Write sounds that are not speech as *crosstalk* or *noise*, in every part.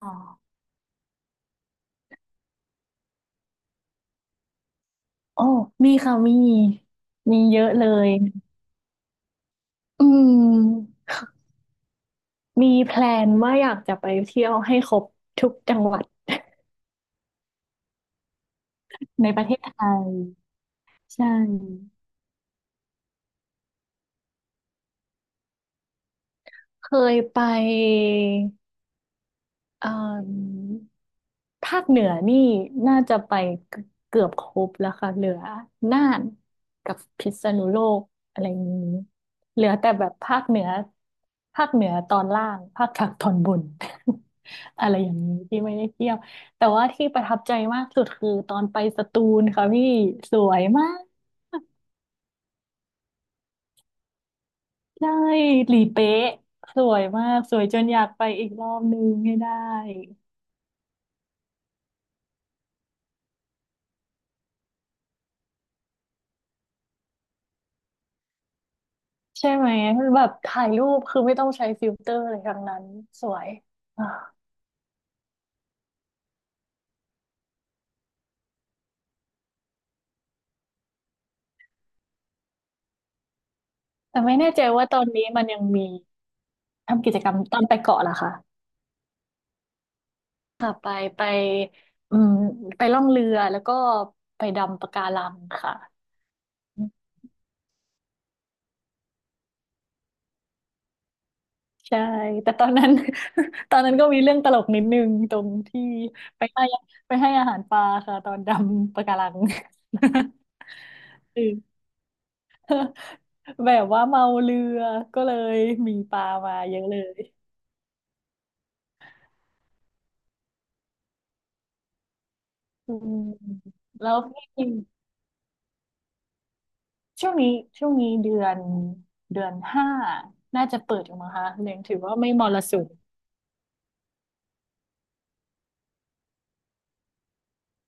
อ๋อโอ้มีค่ะมี มีเยอะเลย อืม มีแพลนว่าอยากจะไปเที่ยวให้ครบทุกจังหวัดในประเทศไทย ใช่ เคยไป เอ่อภาคเหนือนี่น่าจะไปเกือบครบแล้วค่ะเหลือน่านกับพิษณุโลกอะไรนี้เหลือแต่แบบภาคเหนือตอนล่างภาค *laughs* กลางตอนบน *laughs* อะไรอย่างนี้ที่ไม่ได้เที่ยวแต่ว่าที่ประทับใจมากสุดคือตอนไปสตูลค่ะพี่สวยมากใช่หลีเป๊ะสวยมากสวยจนอยากไปอีกรอบนึงให้ได้ ใช่ไหมแบบถ่ายรูปคือไม่ต้องใช้ฟิลเตอร์อะไรทั้งนั้นสวยอ่าแต่ไม่แน่ใจว่าตอนนี้มันยังมีทำกิจกรรมตอนไปเกาะล่ะคะค่ะไปอืมไปล่องเรือแล้วก็ไปดำปะการังค่ะใช่แต่ตอนนั้น *laughs* ตอนนั้นก็มีเรื่องตลกนิดนึงตรงที่ไปให้ไปให้อาหารปลาค่ะตอนดำปะการัง *laughs* แบบว่าเมาเรือก็เลยมีปลามาเยอะเลย อืมแล้วพี่ช่วงนี้ช่วงนี้เดือนห้าน่าจะเปิดอยู่มั้งคะเรียงถือว่าไม่มรสุม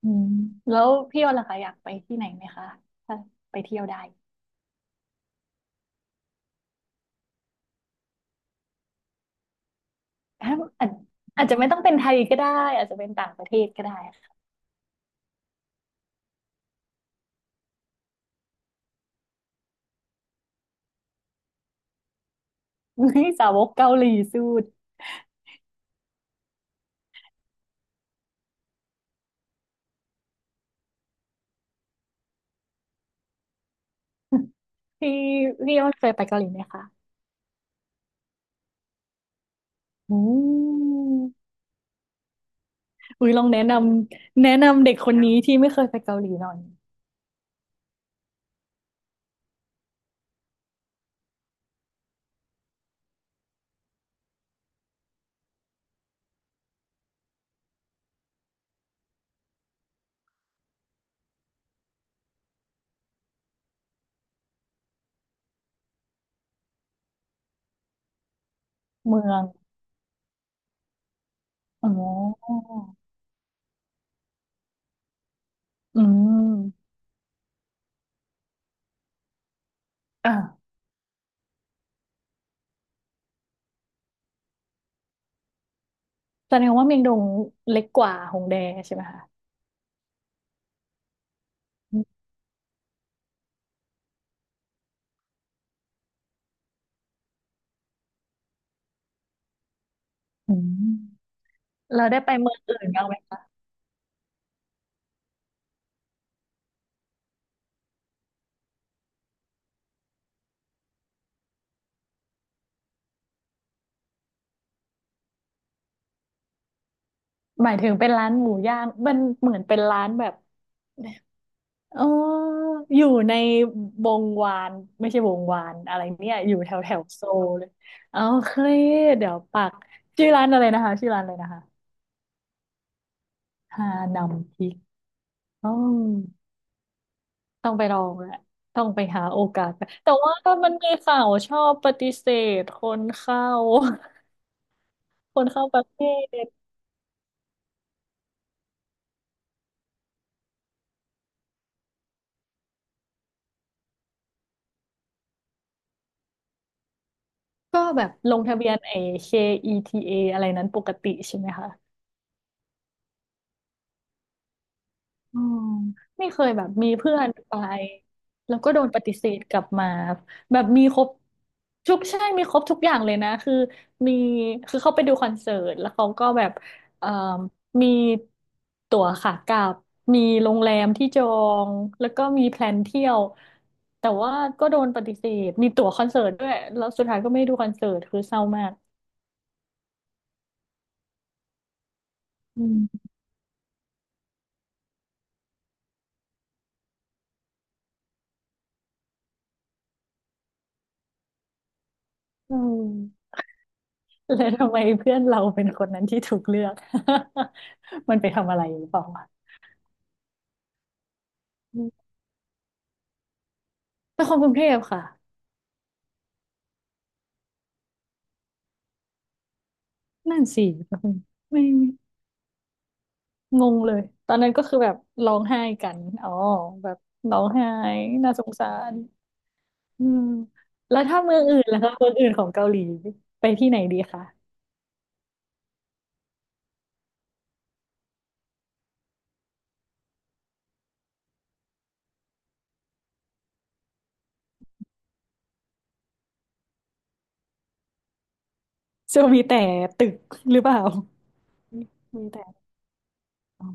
อืมแล้วพี่ออนล่ะคะอยากไปที่ไหนไหมคะถ้าไปเที่ยวได้ *laughs* อาอาจอาจจะไม่ต้องเป็นไทยก็ได้อาจจะเป็นต่างประเทศก็ได้ค่ะ *laughs* นี่สาวกเกาหลีสุดพี่พี่ออนเคยไปเกาหลีไหมคะอืมอุ้ยลองแนะนำแนะนำเด็กคนนี้ที่ไม่เคยไปเกาหลีหน่อยเมืองอ๋ออืมอ่า แสดงว่าเมียงดงเล็กกว่าหงแดใช่ไหมคะอืมเราได้ไปเมืองอื่นบ้างไหมคะหมายถึงเป็นร้านหมูย่างมันเหมือนเป็นร้านแบบเอออยู่ในวงวานไม่ใช่วงวานอะไรเนี่ยอยู่แถวแถวโซลเลยเอาเคยเดี๋ยวปักชื่อร้านอะไรนะคะชื่อร้านอะไรนะคะฮานำพริกอ๋อต้องไปลองแหละ ต้องไปหาโอกาสไปแต่ว่ามันมีข่าวชอบปฏิเสธคนเข้า *laughs* คนเข้าประเทศ ก็แบบลงทะเบียนไอ้ KETA อทีเออะไรนั้นปกติใช่ไหมคะอืมไม่เคยแบบมีเพื่อนไปแล้วก็โดนปฏิเสธกลับมาแบบมีครบทุกใช่มีครบทุกอย่างเลยนะคือมีคือเขาไปดูคอนเสิร์ตแล้วเขาก็แบบเอ่มมีตั๋วขากลับมีโรงแรมที่จองแล้วก็มีแพลนเที่ยวแต่ว่าก็โดนปฏิเสธมีตั๋วคอนเสิร์ตด้วยแล้วสุดท้ายก็ไม่ได้ดูคอนเสิร์ตคือเศร้ามากอืมอืม *laughs* แล้วทำไมเพื่อนเราเป็นคนนั้นที่ถูกเลือก *laughs* มันไปทำอะไรหรือเปล่าวะอืมเป็นคนกรุงเทพค่ะ นั่นสิ ไม่งงเลย ตอนนั้นก็คือแบบร้องไห้กัน อ๋อ แบบร้องไห้ น่าสงสารอืมแล้วถ้าเมืองอื่นล่ะคะเมืองอื่นของเกาหลี ไปที่ไหนดีคะซึ่งมีแต่ตึกหรือเปล่ามีแต่อ๋อ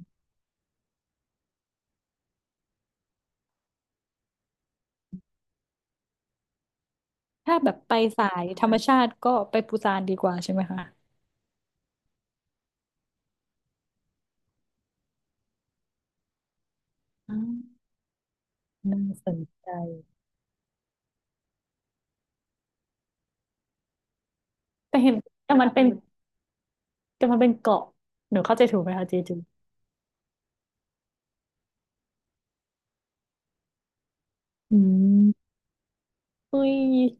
ถ้าแบบไปสายธรรมชาติก็ไปปูซานดีกว่าใช่ไหมคะอ่าน่าสนใจ แต่เห็นแต่มันเป็นแต่มันเป็นเกาะหนูเข้าใจถูกไหมคะเจจูอืมเฮ้ย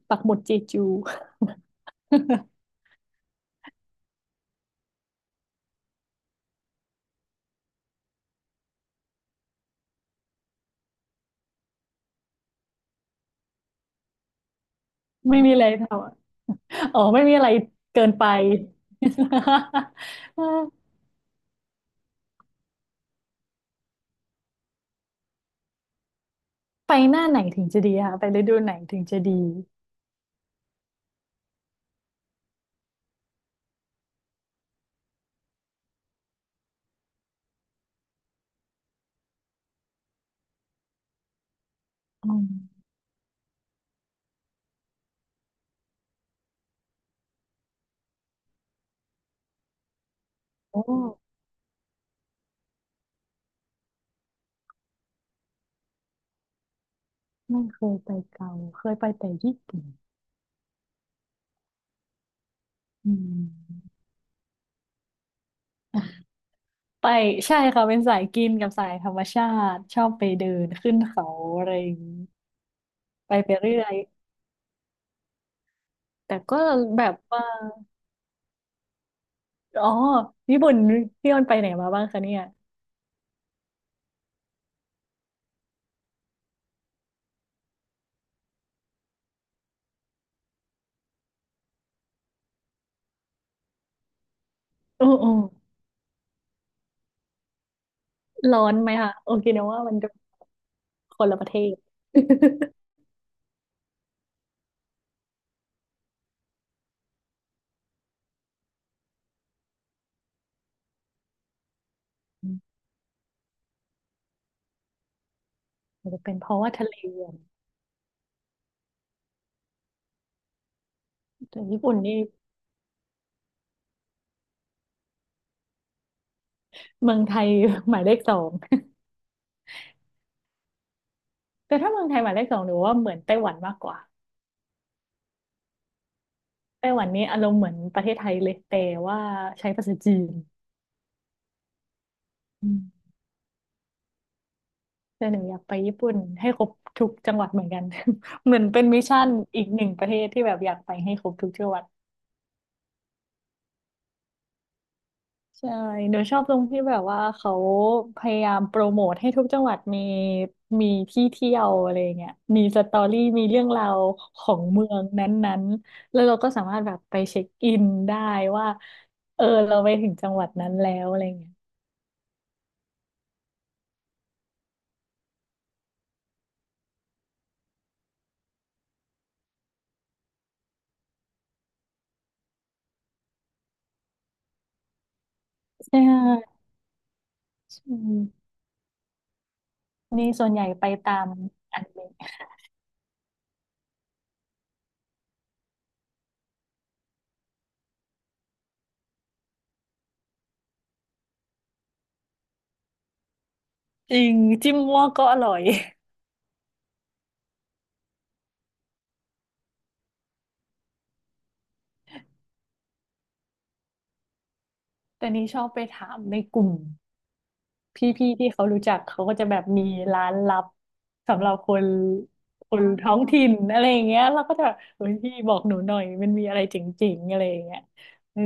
ปักหมุดเจจู *laughs* ไม่มีอะไรทำอะอ๋อไม่มีอะไรเกินไป *laughs* ไปหน้าไหนถึงจะดีคะไปฤดูไหนถึงจะดีอ๋อโอ้ไม่เคยไปเกาเคยไปแต่ญี่ปุ่นอืมไปใช่ค่ะเป็นสายกินกับสายธรรมชาติชอบไปเดินขึ้นเขาอะไรอย่างนี้ไปไปเรื่อยแต่ก็แบบว่า อ๋อญี่ปุ่นพี่ออนไปไหนมาบ้างคะเนี่ยโอ้โอ้ร้อนไหมคะโอเคนะว่ามันจะคนละประเทศ *laughs* อมอาจจะเป็นเพราะว่าทะเลอะแต่ญี่ปุ่นนี่เมืองไทย *laughs* หมายเลขสองแต่ถ้าเมืองไทยหมายเลขสองหนูว่าเหมือนไต้หวันมากกว่าไต้หวันนี่อารมณ์เหมือนประเทศไทยเลยแต่ว่าใช้ภาษาจีนอืมแต่หนูอยากไปญี่ปุ่นให้ครบทุกจังหวัดเหมือนกัน *laughs* เหมือนเป็นมิชชั่นอีกหนึ่งประเทศที่แบบอยากไปให้ครบทุกจังหวัด ใช่หนูชอบตรงที่แบบว่าเขาพยายามโปรโมทให้ทุกจังหวัดมีมีที่เที่ยวอะไรเงี้ยมีสตอรี่มีเรื่องราวของเมืองนั้นๆ แล้วเราก็สามารถแบบไปเช็คอินได้ว่าเออเราไปถึงจังหวัดนั้นแล้วอะไรเงี้ยใช่ใช่นี่ส่วนใหญ่ไปตามอันนี้จริงจิ้มมั่วก็อร่อย *laughs* แต่นี่ชอบไปถามในกลุ่ม พี่ๆที่เขารู้จักเขาก็จะแบบมีร้านลับสำหรับคนคนท้องถิ่นอะไรอย่างเงี้ยเราก็จะแบบเฮ้ยพี่บอกหนูหน่อยมันมีอะไรเจ๋งๆอะไรอย่างเงี้ยเออ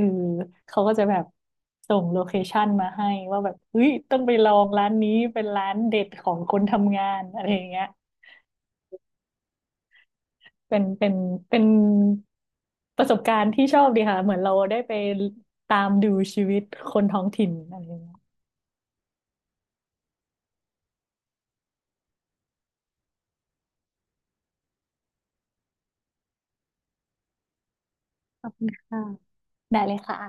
เขาก็จะแบบส่งโลเคชั่นมาให้ว่าแบบเฮ้ยต้องไปลองร้านนี้เป็นร้านเด็ดของคนทำงานอะไรอย่างเงี้ยเป็นเป็นเป็นประสบการณ์ที่ชอบดีค่ะเหมือนเราได้ไปตามดูชีวิตคนท้องถิ่นอะไรอย่างเงี้ยค่ะได้เลยค่ะ